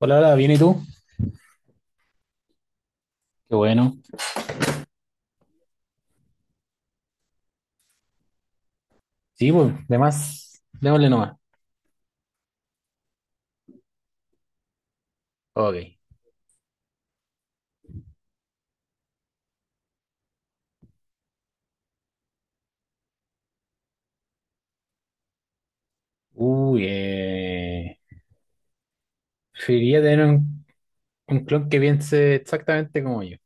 Hola, hola, ¿bien y tú? Qué bueno. Sí, pues, de más, démosle nomás. Ok. Uy, preferiría tener un clon que piense exactamente como yo.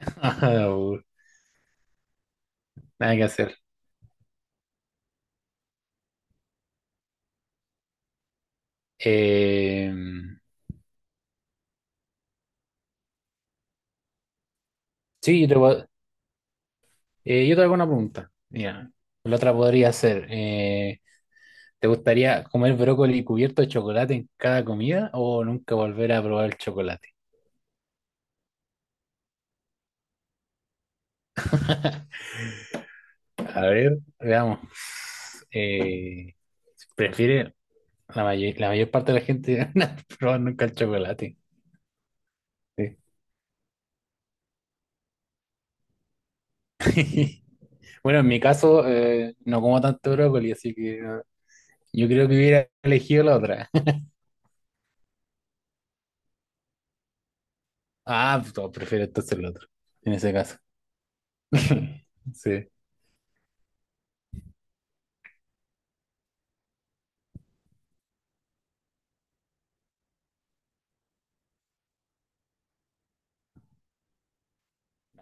Ajá, nada que hacer. Eh, sí, yo te hago una pregunta. Mira, la otra podría ser, ¿te gustaría comer brócoli cubierto de chocolate en cada comida o nunca volver a probar el chocolate? A ver, veamos. Eh, ¿Prefieres? La mayor parte de la gente no ha probado nunca el chocolate. Sí. Bueno, en mi caso, no como tanto brócoli, así que yo creo que hubiera elegido la otra. Ah, pues, no, prefiero entonces el otro en ese caso. Sí.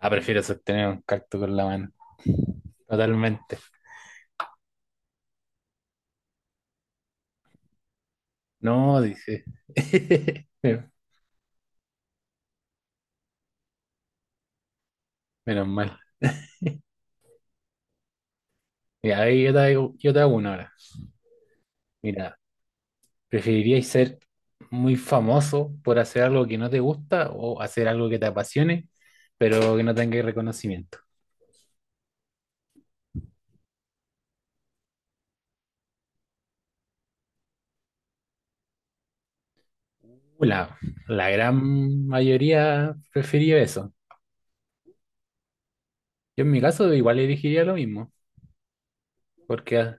Ah, prefiero sostener un cactus con la mano. Totalmente. No, dice. Menos mal. Y ahí yo te hago una ahora. Mira, ¿preferiríais ser muy famoso por hacer algo que no te gusta o hacer algo que te apasione, pero que no tenga reconocimiento? Uh, La, la gran mayoría prefirió eso. Yo en mi caso igual elegiría lo mismo, porque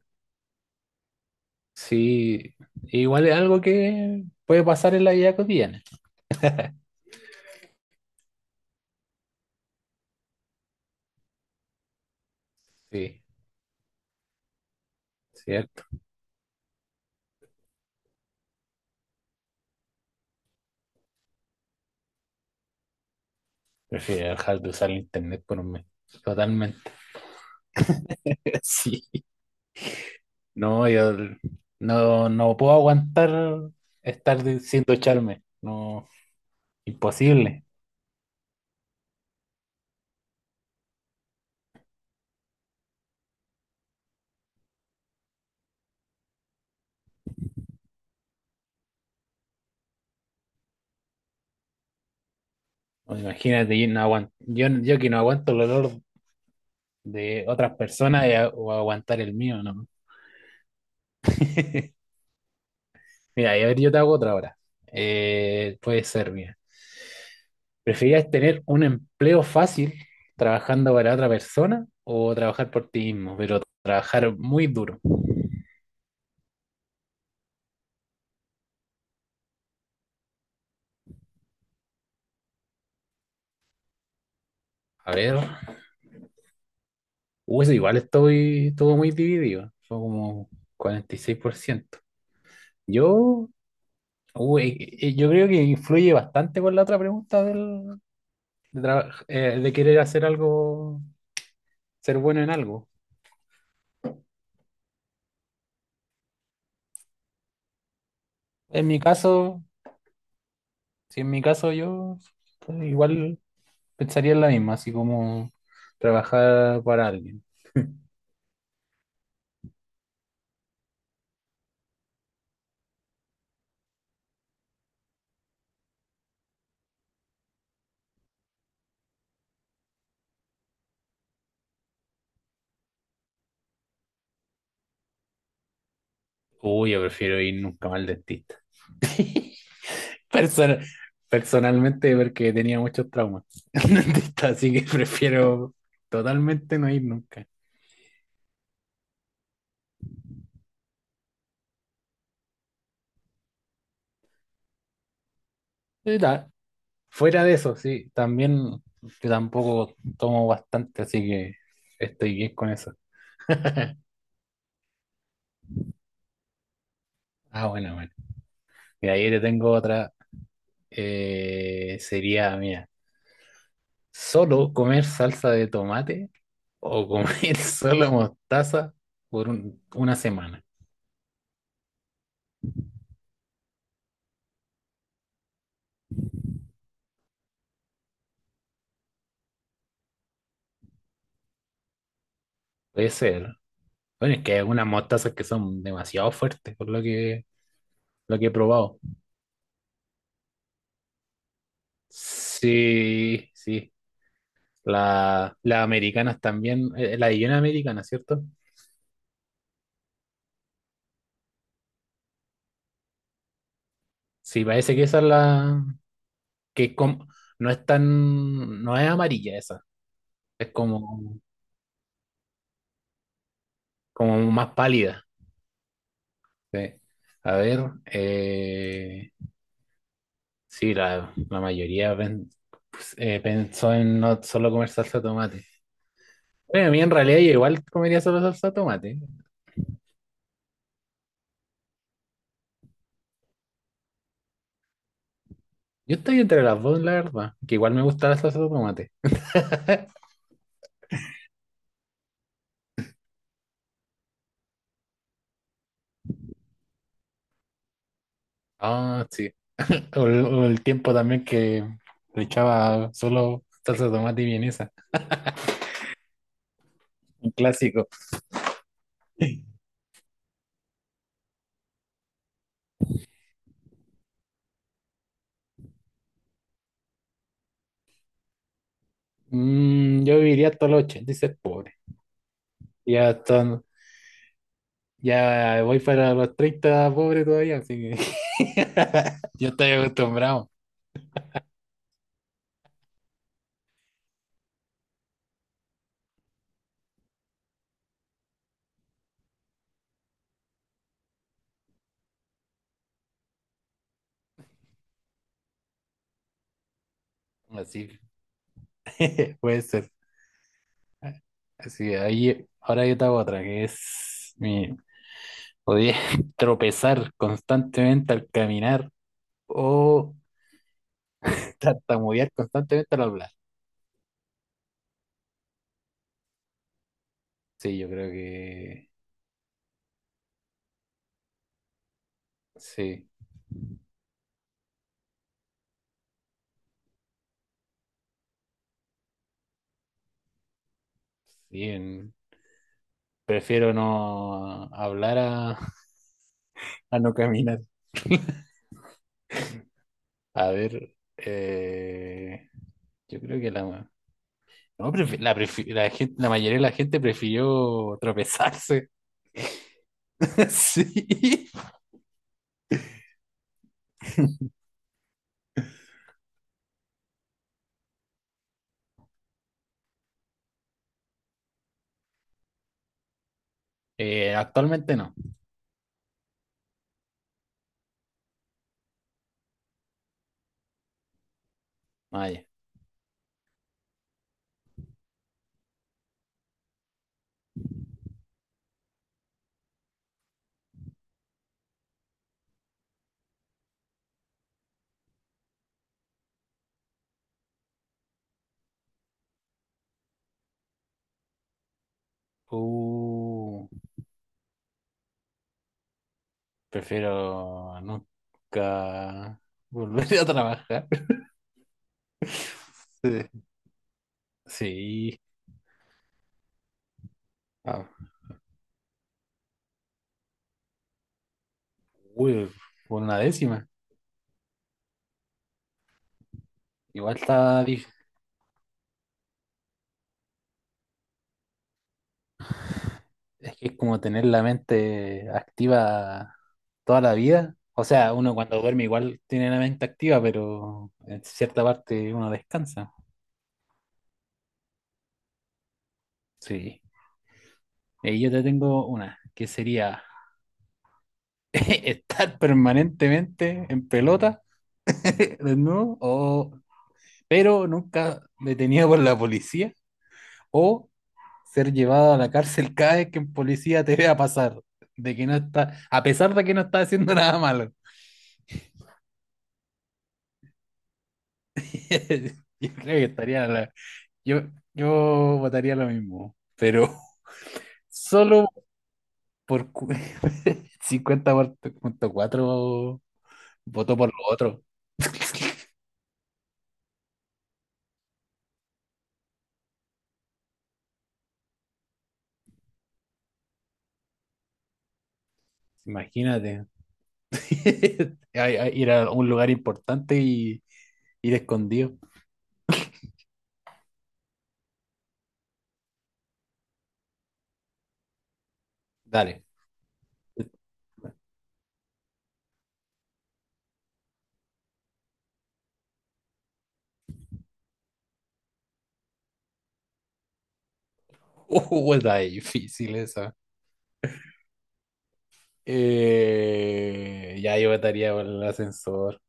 sí, igual es algo que puede pasar en la vida cotidiana. Sí, cierto. Prefiero dejar de usar el internet por un mes. Totalmente. Sí. No, yo no, no puedo aguantar sin ducharme. No, imposible. O imagínate, yo que no aguanto el olor de otras personas o aguantar el mío, ¿no? Mira, y a ver, yo te hago otra ahora. Puede ser, mira. ¿Preferirías tener un empleo fácil trabajando para otra persona o trabajar por ti mismo, pero trabajar muy duro? A ver, eso igual estoy todo muy dividido, fue como 46%. Yo yo creo que influye bastante con la otra pregunta de querer hacer algo, ser bueno en algo. En mi caso, si en mi caso yo pues, igual pensaría en la misma, así como trabajar para alguien. Uy, yo prefiero ir nunca más al dentista. Persona- Personalmente porque tenía muchos traumas al dentista, así que prefiero totalmente no ir nunca. Fuera de eso, sí, también yo tampoco tomo bastante, así que estoy bien con eso. Ah, bueno, bueno. Y ahí te tengo otra. Sería, mira, solo comer salsa de tomate o comer solo mostaza una semana. Puede ser. Bueno, es que hay algunas mostazas que son demasiado fuertes, por lo que he probado. Sí, sí. Las americanas también, la de Jenny americana, ¿cierto? Sí, parece que esa es la, que es como, no es tan, no es amarilla esa, es como, como más pálida. Sí. A ver, eh, sí, la mayoría pensó en no solo comer salsa de tomate. Bueno, a mí en realidad yo igual comería solo salsa de tomate. Yo estoy entre las dos, la verdad, que igual me gusta la salsa de tomate. Ah, sí. O el tiempo también que le echaba solo salsa de tomate y vienesa, un clásico. Mm, yo viviría hasta los 80 y ser pobre. Ya están, ya voy para los 30 pobre todavía, así que yo estoy acostumbrado. Así puede ser. Así que ahí, ahora yo te hago otra, que es mi podía tropezar constantemente al caminar o tartamudear constantemente al hablar. Sí, yo creo que sí. Bien. Prefiero no hablar a, a no caminar. A ver, yo creo que la, no, la gente, la mayoría de la gente prefirió tropezarse. Sí. Actualmente no. Vaya. Uh, prefiero nunca volver a trabajar. Sí. Sí. Ah, uy, por una décima. Igual está, dif- Es que es como tener la mente activa toda la vida. O sea, uno cuando duerme igual tiene la mente activa, pero en cierta parte uno descansa. Sí. Y yo te tengo una, que sería estar permanentemente en pelota, desnudo, o, pero nunca detenido por la policía, o ser llevado a la cárcel cada vez que un policía te vea pasar, de que no está, a pesar de que no está haciendo nada malo. Yo creo que estaría la, Yo, yo votaría lo mismo, pero solo por 50,4 votó por lo otro. Imagínate. A ir a un lugar importante y ir escondido. Dale. Está difícil esa. Ya yo votaría por el ascensor.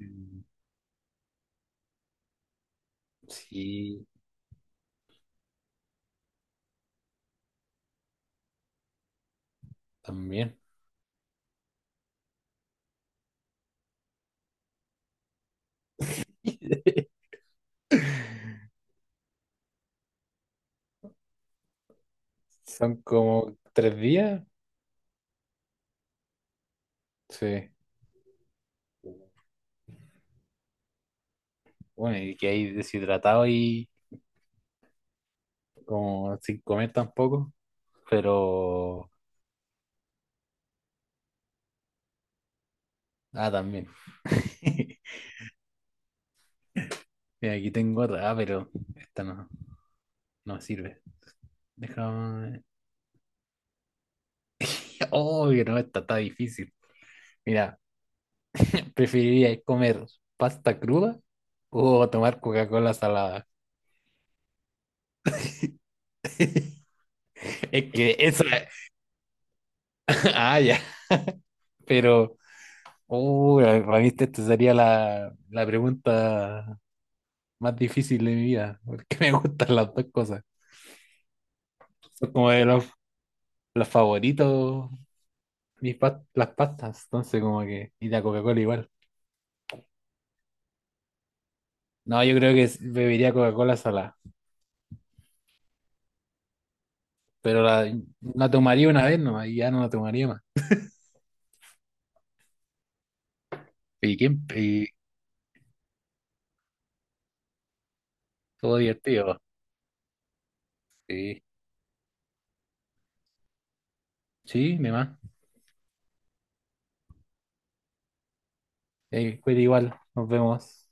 Mm, sí, también. Son como 3 días. Sí. Bueno, y que hay deshidratado y como sin comer tampoco, pero... Ah, también. Mira, aquí tengo otra, ah, pero esta no, no me sirve. Déjame... Oh, que no, esta está difícil. Mira, ¿preferirías comer pasta cruda o tomar Coca-Cola salada? Es que eso... Ah, ya, pero... Oh, para mí esta sería la pregunta más difícil de mi vida, porque me gustan las dos cosas. Son como de los favoritos las pastas, entonces como que, y la Coca-Cola igual. No, yo creo que bebería Coca-Cola salada, pero la tomaría una vez nomás y ya no la tomaría más. Y todo divertido. Sí, sí, mi mamá. Cuídate igual, nos vemos.